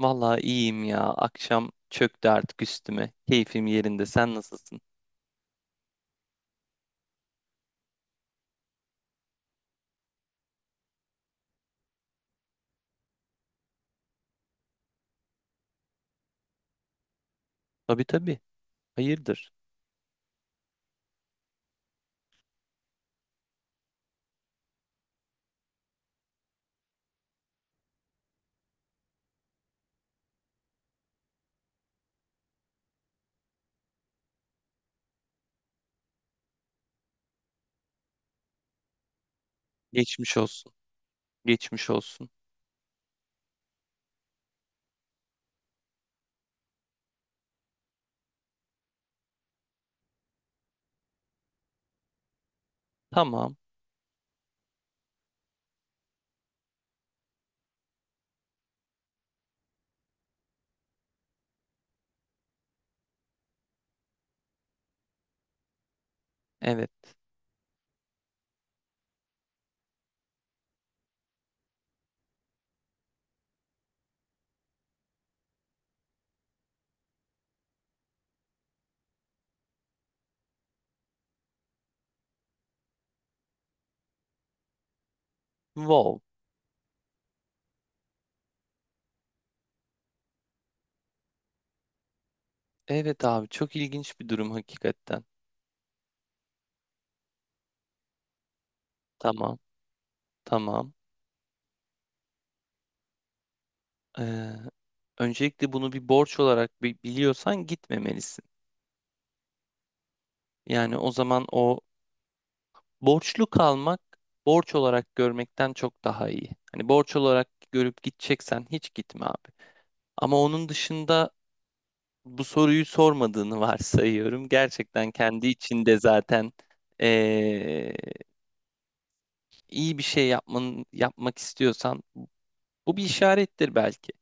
Vallahi iyiyim ya. Akşam çöktü artık üstüme. Keyfim yerinde. Sen nasılsın? Tabii, tabii. Hayırdır? Geçmiş olsun. Geçmiş olsun. Tamam. Evet. Wow. Evet, abi, çok ilginç bir durum hakikaten. Tamam. Tamam. Ee, Öncelikle bunu bir borç olarak biliyorsan gitmemelisin. Yani o zaman o borçlu kalmak borç olarak görmekten çok daha iyi. Hani borç olarak görüp gideceksen hiç gitme, abi. Ama onun dışında bu soruyu sormadığını varsayıyorum. Gerçekten kendi içinde zaten eee, iyi bir şey yapman, yapmak istiyorsan bu bir işarettir belki.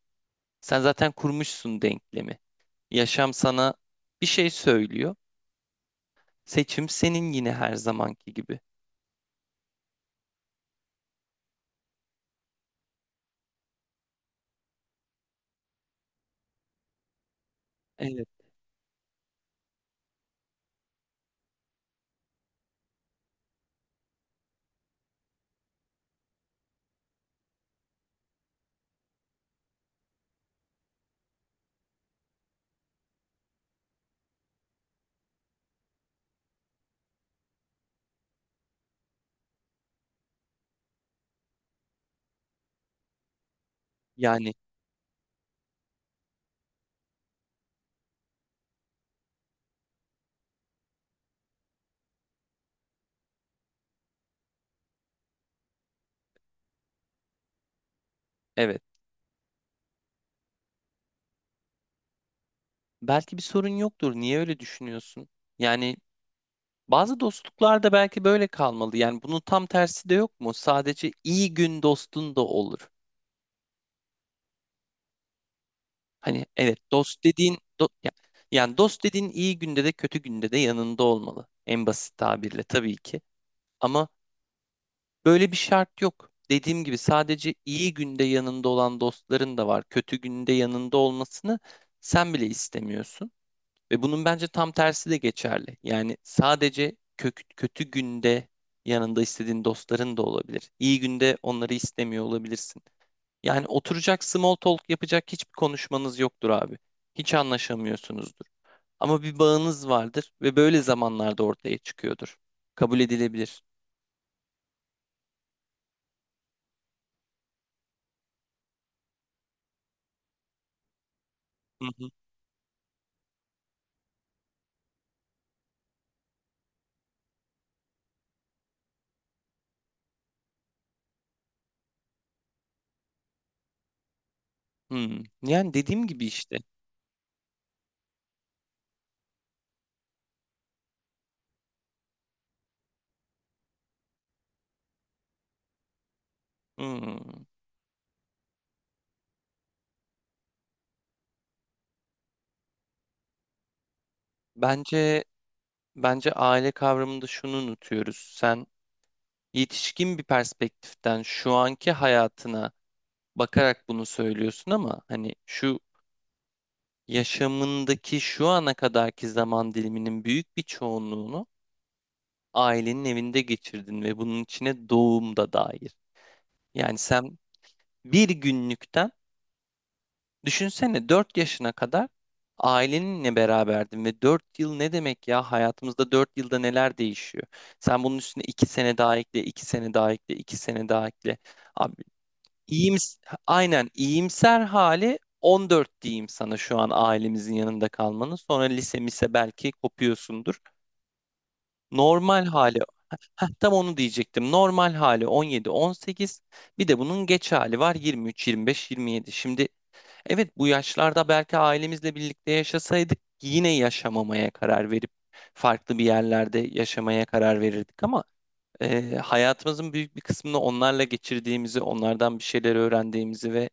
Sen zaten kurmuşsun denklemi. Yaşam sana bir şey söylüyor. Seçim senin, yine her zamanki gibi. Evet. Yani evet. Belki bir sorun yoktur. Niye öyle düşünüyorsun? Yani bazı dostluklar da belki böyle kalmalı. Yani bunun tam tersi de yok mu? Sadece iyi gün dostun da olur. Hani, evet, dost dediğin yani dost dediğin iyi günde de kötü günde de yanında olmalı. En basit tabirle, tabii ki. Ama böyle bir şart yok. Dediğim gibi, sadece iyi günde yanında olan dostların da var. Kötü günde yanında olmasını sen bile istemiyorsun. Ve bunun bence tam tersi de geçerli. Yani sadece kötü günde yanında istediğin dostların da olabilir. İyi günde onları istemiyor olabilirsin. Yani oturacak, small talk yapacak hiçbir konuşmanız yoktur, abi. Hiç anlaşamıyorsunuzdur. Ama bir bağınız vardır ve böyle zamanlarda ortaya çıkıyordur. Kabul edilebilir. Hı hı. Hmm. Yani dediğim gibi işte. Hmm. Bence bence aile kavramında şunu unutuyoruz. Sen yetişkin bir perspektiften şu anki hayatına bakarak bunu söylüyorsun ama hani şu yaşamındaki şu ana kadarki zaman diliminin büyük bir çoğunluğunu ailenin evinde geçirdin ve bunun içine doğum da dahil. Yani sen bir günlükten düşünsene, 4 yaşına kadar aileninle beraberdin ve 4 yıl ne demek ya, hayatımızda 4 yılda neler değişiyor? Sen bunun üstüne 2 sene daha ekle, 2 sene daha ekle, 2 sene daha ekle. Abi, iyims aynen iyimser hali 14 diyeyim sana şu an ailemizin yanında kalmanın. Sonra lise mise belki kopuyorsundur. Normal hali Heh, tam onu diyecektim. Normal hali 17-18. Bir de bunun geç hali var 23-25-27. Şimdi, evet, bu yaşlarda belki ailemizle birlikte yaşasaydık yine yaşamamaya karar verip farklı bir yerlerde yaşamaya karar verirdik ama hayatımızın büyük bir kısmını onlarla geçirdiğimizi, onlardan bir şeyler öğrendiğimizi ve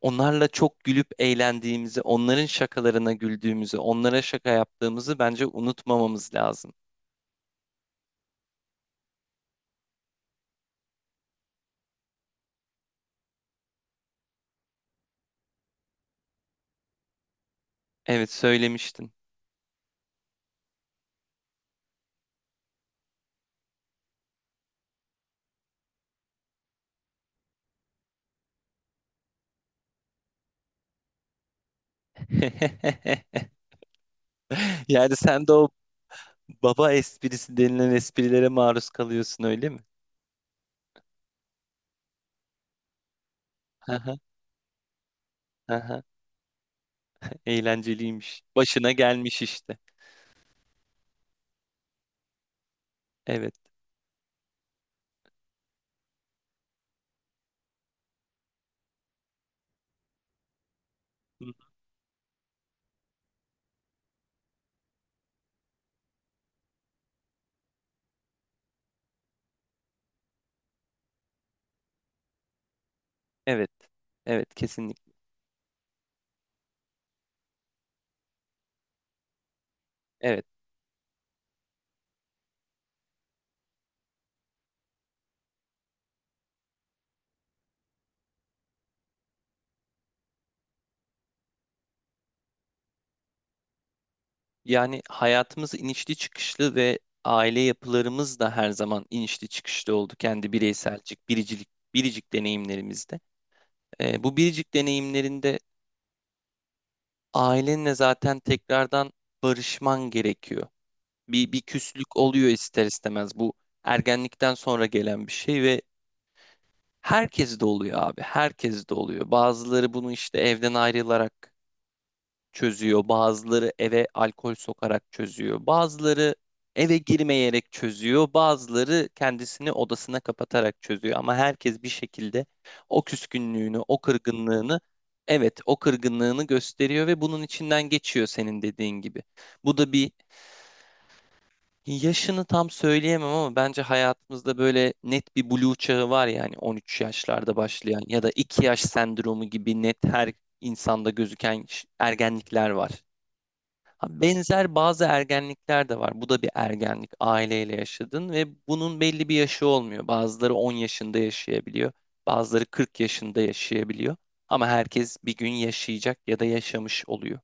onlarla çok gülüp eğlendiğimizi, onların şakalarına güldüğümüzü, onlara şaka yaptığımızı bence unutmamamız lazım. Evet, söylemiştin. Yani sen de o baba esprisi denilen esprilere maruz kalıyorsun, öyle mi? Aha, aha. Eğlenceliymiş. Başına gelmiş işte. Evet. Hı, evet. Evet, kesinlikle. Evet. Yani hayatımız inişli çıkışlı ve aile yapılarımız da her zaman inişli çıkışlı oldu kendi bireyselcik, biricilik, biricik deneyimlerimizde. Bu biricik deneyimlerinde ailenle zaten tekrardan barışman gerekiyor. Bir küslük oluyor ister istemez. Bu ergenlikten sonra gelen bir şey ve herkes de oluyor, abi. Herkes de oluyor. Bazıları bunu işte evden ayrılarak çözüyor. Bazıları eve alkol sokarak çözüyor. Bazıları eve girmeyerek çözüyor. Bazıları kendisini odasına kapatarak çözüyor. Ama herkes bir şekilde o küskünlüğünü, o kırgınlığını. Evet, o kırgınlığını gösteriyor ve bunun içinden geçiyor, senin dediğin gibi. Bu da bir Yaşını tam söyleyemem ama bence hayatımızda böyle net bir blue çağı var, yani 13 yaşlarda başlayan ya da 2 yaş sendromu gibi net her insanda gözüken ergenlikler var. Ha, benzer bazı ergenlikler de var. Bu da bir ergenlik. Aileyle yaşadın ve bunun belli bir yaşı olmuyor. Bazıları 10 yaşında yaşayabiliyor. Bazıları 40 yaşında yaşayabiliyor. Ama herkes bir gün yaşayacak ya da yaşamış oluyor.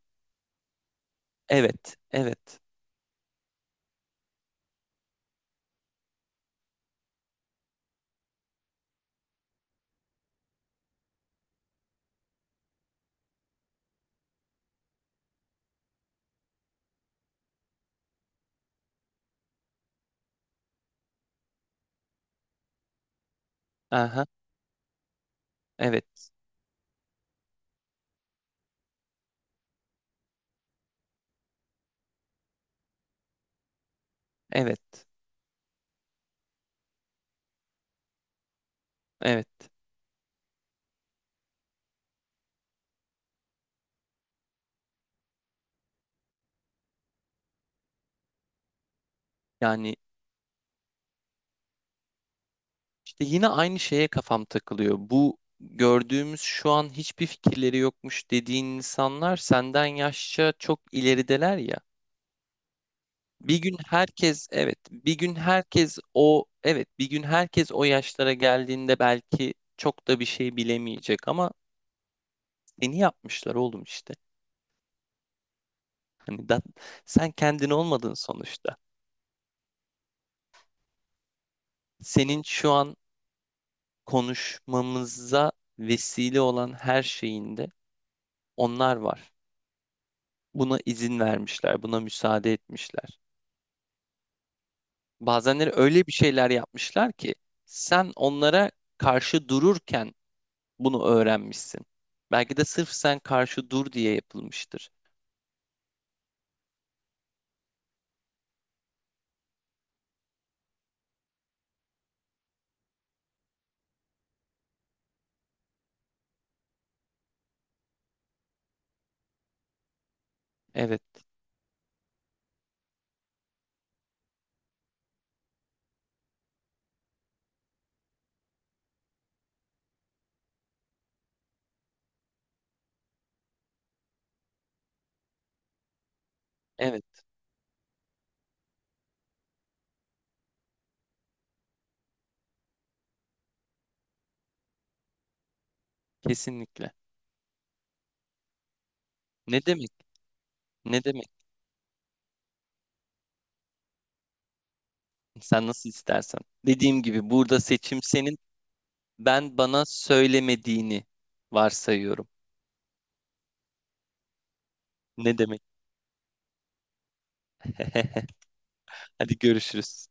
Evet, evet. Aha, evet, evet, evet. Yani işte yine aynı şeye kafam takılıyor. Bu gördüğümüz şu an hiçbir fikirleri yokmuş dediğin insanlar senden yaşça çok ilerideler ya. Bir gün herkes Evet, bir gün herkes o evet, bir gün herkes o yaşlara geldiğinde belki çok da bir şey bilemeyecek ama taklidini yapmışlar, oğlum, işte. Hani da, sen kendin olmadın sonuçta. Senin şu an konuşmamıza vesile olan her şeyinde onlar var. Buna izin vermişler, buna müsaade etmişler. Bazenleri öyle bir şeyler yapmışlar ki sen onlara karşı dururken bunu öğrenmişsin. Belki de sırf sen karşı dur diye yapılmıştır. Evet, evet, kesinlikle. Ne demek? Ne demek? Sen nasıl istersen. Dediğim gibi, burada seçim senin. Ben bana söylemediğini varsayıyorum. Ne demek? Hadi görüşürüz.